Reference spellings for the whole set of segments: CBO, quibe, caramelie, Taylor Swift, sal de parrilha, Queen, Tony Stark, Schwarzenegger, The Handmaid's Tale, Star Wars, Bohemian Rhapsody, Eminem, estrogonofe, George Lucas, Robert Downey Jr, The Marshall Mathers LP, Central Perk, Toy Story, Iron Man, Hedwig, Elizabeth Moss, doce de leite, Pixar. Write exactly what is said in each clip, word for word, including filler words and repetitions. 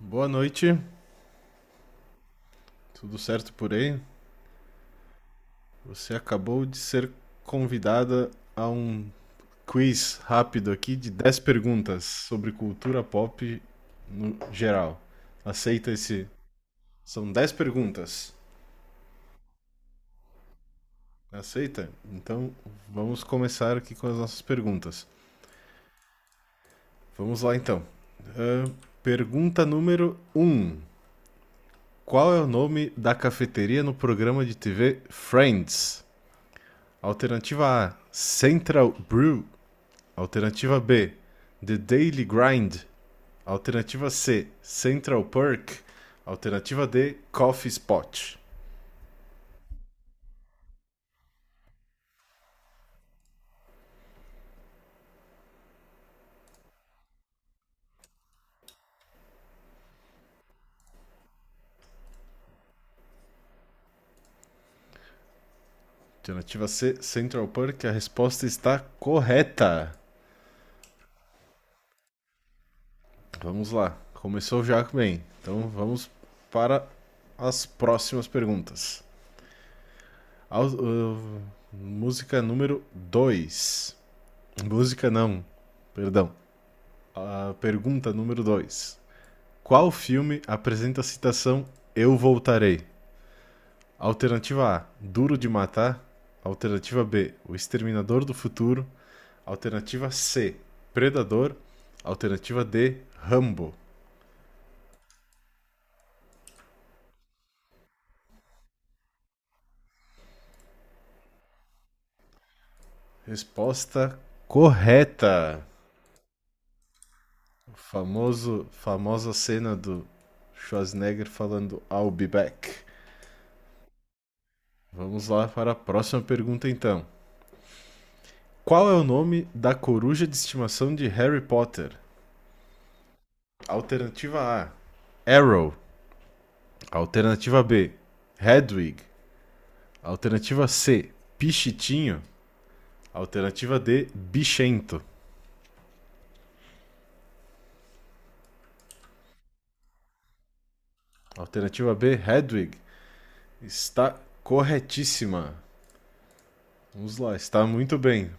Boa noite, tudo certo por aí? Você acabou de ser convidada a um quiz rápido aqui de dez perguntas sobre cultura pop no geral. Aceita esse? São dez perguntas. Aceita? Então vamos começar aqui com as nossas perguntas. Vamos lá então. Ahn, pergunta número um: Qual é o nome da cafeteria no programa de T V Friends? Alternativa A: Central Brew. Alternativa B, The Daily Grind. Alternativa C, Central Perk. Alternativa D, Coffee Spot. Alternativa C, Central Perk. A resposta está correta. Vamos lá. Começou já bem. Então vamos para as próximas perguntas. Au- uh, música número dois. Música não, perdão. A pergunta número dois. Qual filme apresenta a citação Eu Voltarei? Alternativa A, Duro de Matar. Alternativa B, O Exterminador do Futuro. Alternativa C, Predador. Alternativa D, Rambo. Resposta correta. O famoso, famosa cena do Schwarzenegger falando I'll be back. Vamos lá para a próxima pergunta então. Qual é o nome da coruja de estimação de Harry Potter? Alternativa A, Arrow. Alternativa B, Hedwig. Alternativa C, Pichitinho. Alternativa D, Bichento. Alternativa B, Hedwig. Está corretíssima. Vamos lá, está muito bem.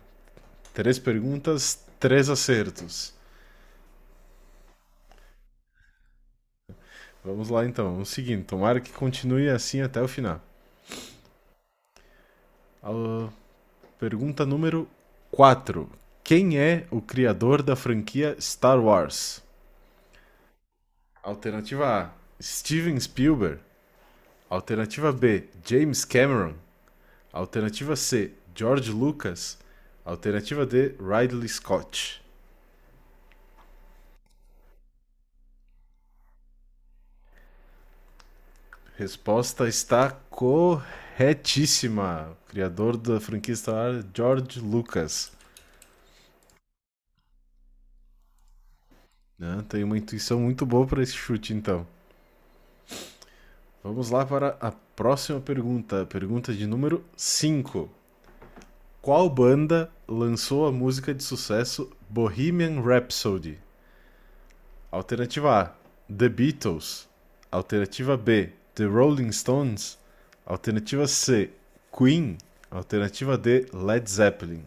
Três perguntas, três acertos. Vamos lá então, vamos seguindo. Tomara que continue assim até o final. A pergunta número quatro. Quem é o criador da franquia Star Wars? Alternativa A, Steven Spielberg. Alternativa B, James Cameron. Alternativa C, George Lucas. Alternativa D, Ridley Scott. Resposta está corretíssima. Criador da franquia Star Wars, George Lucas. Né? Tem uma intuição muito boa para esse chute, então. Vamos lá para a próxima pergunta. Pergunta de número cinco. Qual banda lançou a música de sucesso Bohemian Rhapsody? Alternativa A, The Beatles. Alternativa B, The Rolling Stones. Alternativa C, Queen. Alternativa D, Led Zeppelin.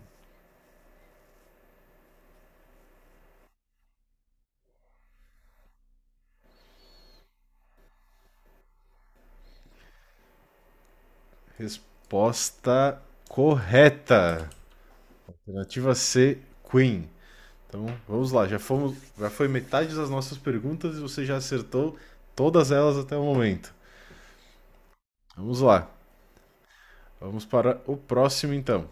Resposta correta. Alternativa C, Queen. Então, vamos lá, já fomos, já foi metade das nossas perguntas e você já acertou todas elas até o momento. Vamos lá. Vamos para o próximo então.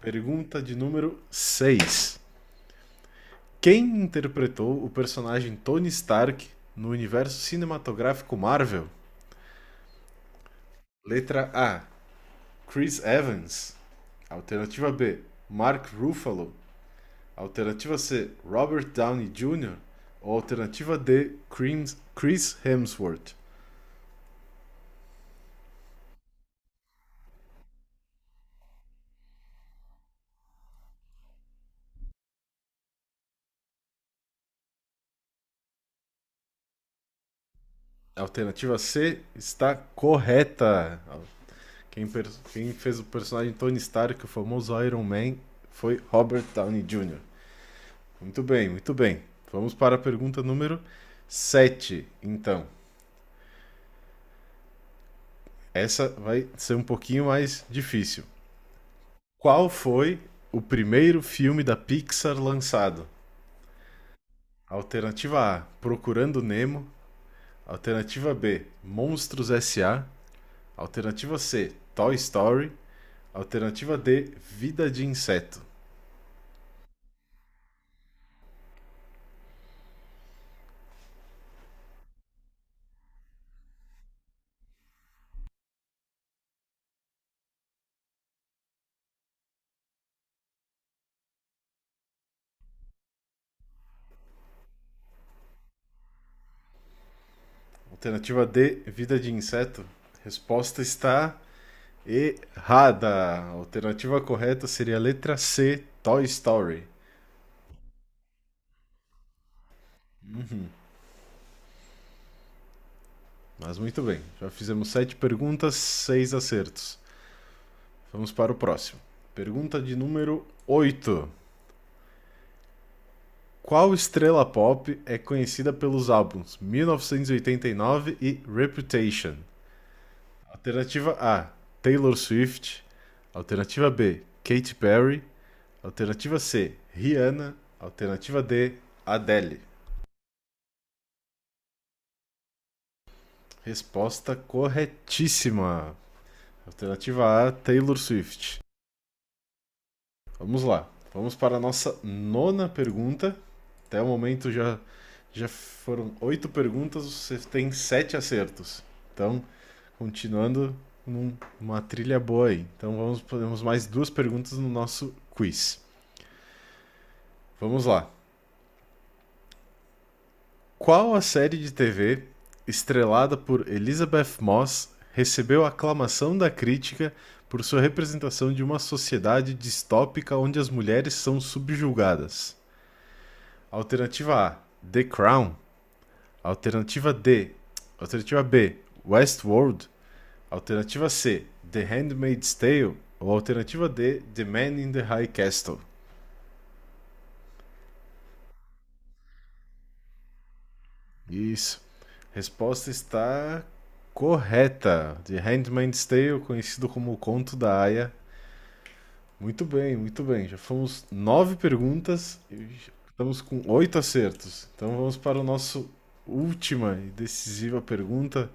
Pergunta de número seis. Quem interpretou o personagem Tony Stark no universo cinematográfico Marvel? Letra A: Chris Evans. Alternativa B: Mark Ruffalo. Alternativa C: Robert Downey júnior Ou alternativa D: Chris- Hemsworth. Alternativa C está correta. Quem, quem fez o personagem Tony Stark, o famoso Iron Man, foi Robert Downey júnior Muito bem, muito bem. Vamos para a pergunta número sete então. Essa vai ser um pouquinho mais difícil. Qual foi o primeiro filme da Pixar lançado? Alternativa A: Procurando Nemo. Alternativa B: Monstros S A. Alternativa C: Toy Story. Alternativa D: Vida de Inseto. Alternativa D: Vida de Inseto. Resposta está errada! A alternativa correta seria a letra C, Toy Story. Mas muito bem, já fizemos sete perguntas, seis acertos. Vamos para o próximo. Pergunta de número oito. Qual estrela pop é conhecida pelos álbuns mil novecentos e oitenta e nove e oitenta e nove e Reputation? Alternativa A, Taylor Swift. Alternativa B, Katy Perry. Alternativa C, Rihanna. Alternativa D, Adele. Resposta corretíssima. Alternativa A, Taylor Swift. Vamos lá. Vamos para a nossa nona pergunta. Até o momento já, já foram oito perguntas, você tem sete acertos. Então, continuando numa trilha boa aí. Então, vamos, podemos mais duas perguntas no nosso quiz. Vamos lá. Qual a série de T V, estrelada por Elizabeth Moss, recebeu aclamação da crítica por sua representação de uma sociedade distópica onde as mulheres são subjugadas? Alternativa A: The Crown. Alternativa D. Alternativa B: Westworld. Alternativa C: The Handmaid's Tale. Ou alternativa D: The Man in the High Castle. Isso. Resposta está correta. De Handmaid's Tale, conhecido como O Conto da Aia. Muito bem, muito bem. Já fomos nove perguntas e já estamos com oito acertos. Então vamos para o nosso última e decisiva pergunta.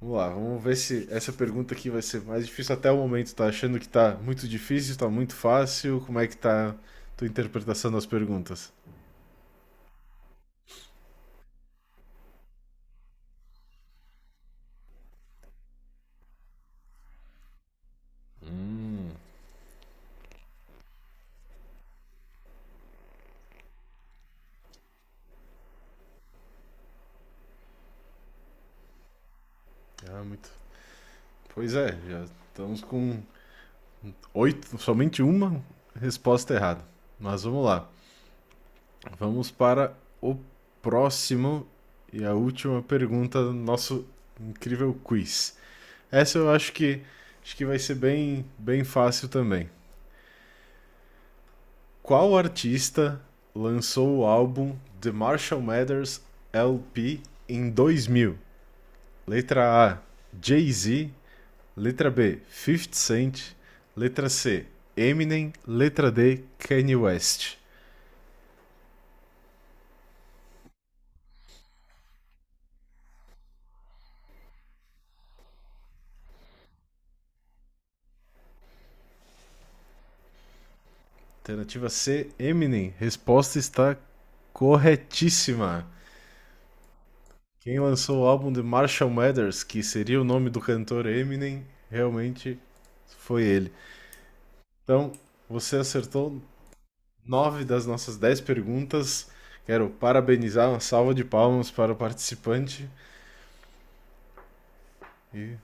Vamos lá, vamos ver se essa pergunta aqui vai ser mais difícil até o momento. Tá achando que tá muito difícil, tá muito fácil? Como é que tá a tua interpretação das perguntas? Ah, muito. Pois é, já estamos com oito, somente uma resposta errada. Mas vamos lá. Vamos para o próximo e a última pergunta do nosso incrível quiz. Essa eu acho que acho que vai ser bem bem fácil também. Qual artista lançou o álbum The Marshall Mathers L P em dois mil? Letra A, Jay-Z, letra B, fifty Cent, letra C, Eminem, letra D, Kanye West. Alternativa C, Eminem. Resposta está corretíssima. Quem lançou o álbum de Marshall Mathers, que seria o nome do cantor Eminem, realmente foi ele. Então, você acertou nove das nossas dez perguntas. Quero parabenizar, uma salva de palmas para o participante. E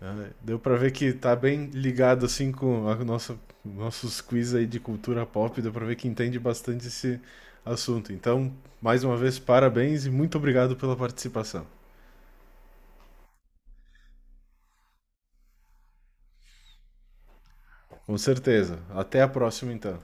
É, Deu pra ver que tá bem ligado assim com a nossa, nossos quiz aí de cultura pop, deu pra ver que entende bastante esse assunto. Então, mais uma vez, parabéns e muito obrigado pela participação. Com certeza. Até a próxima, então.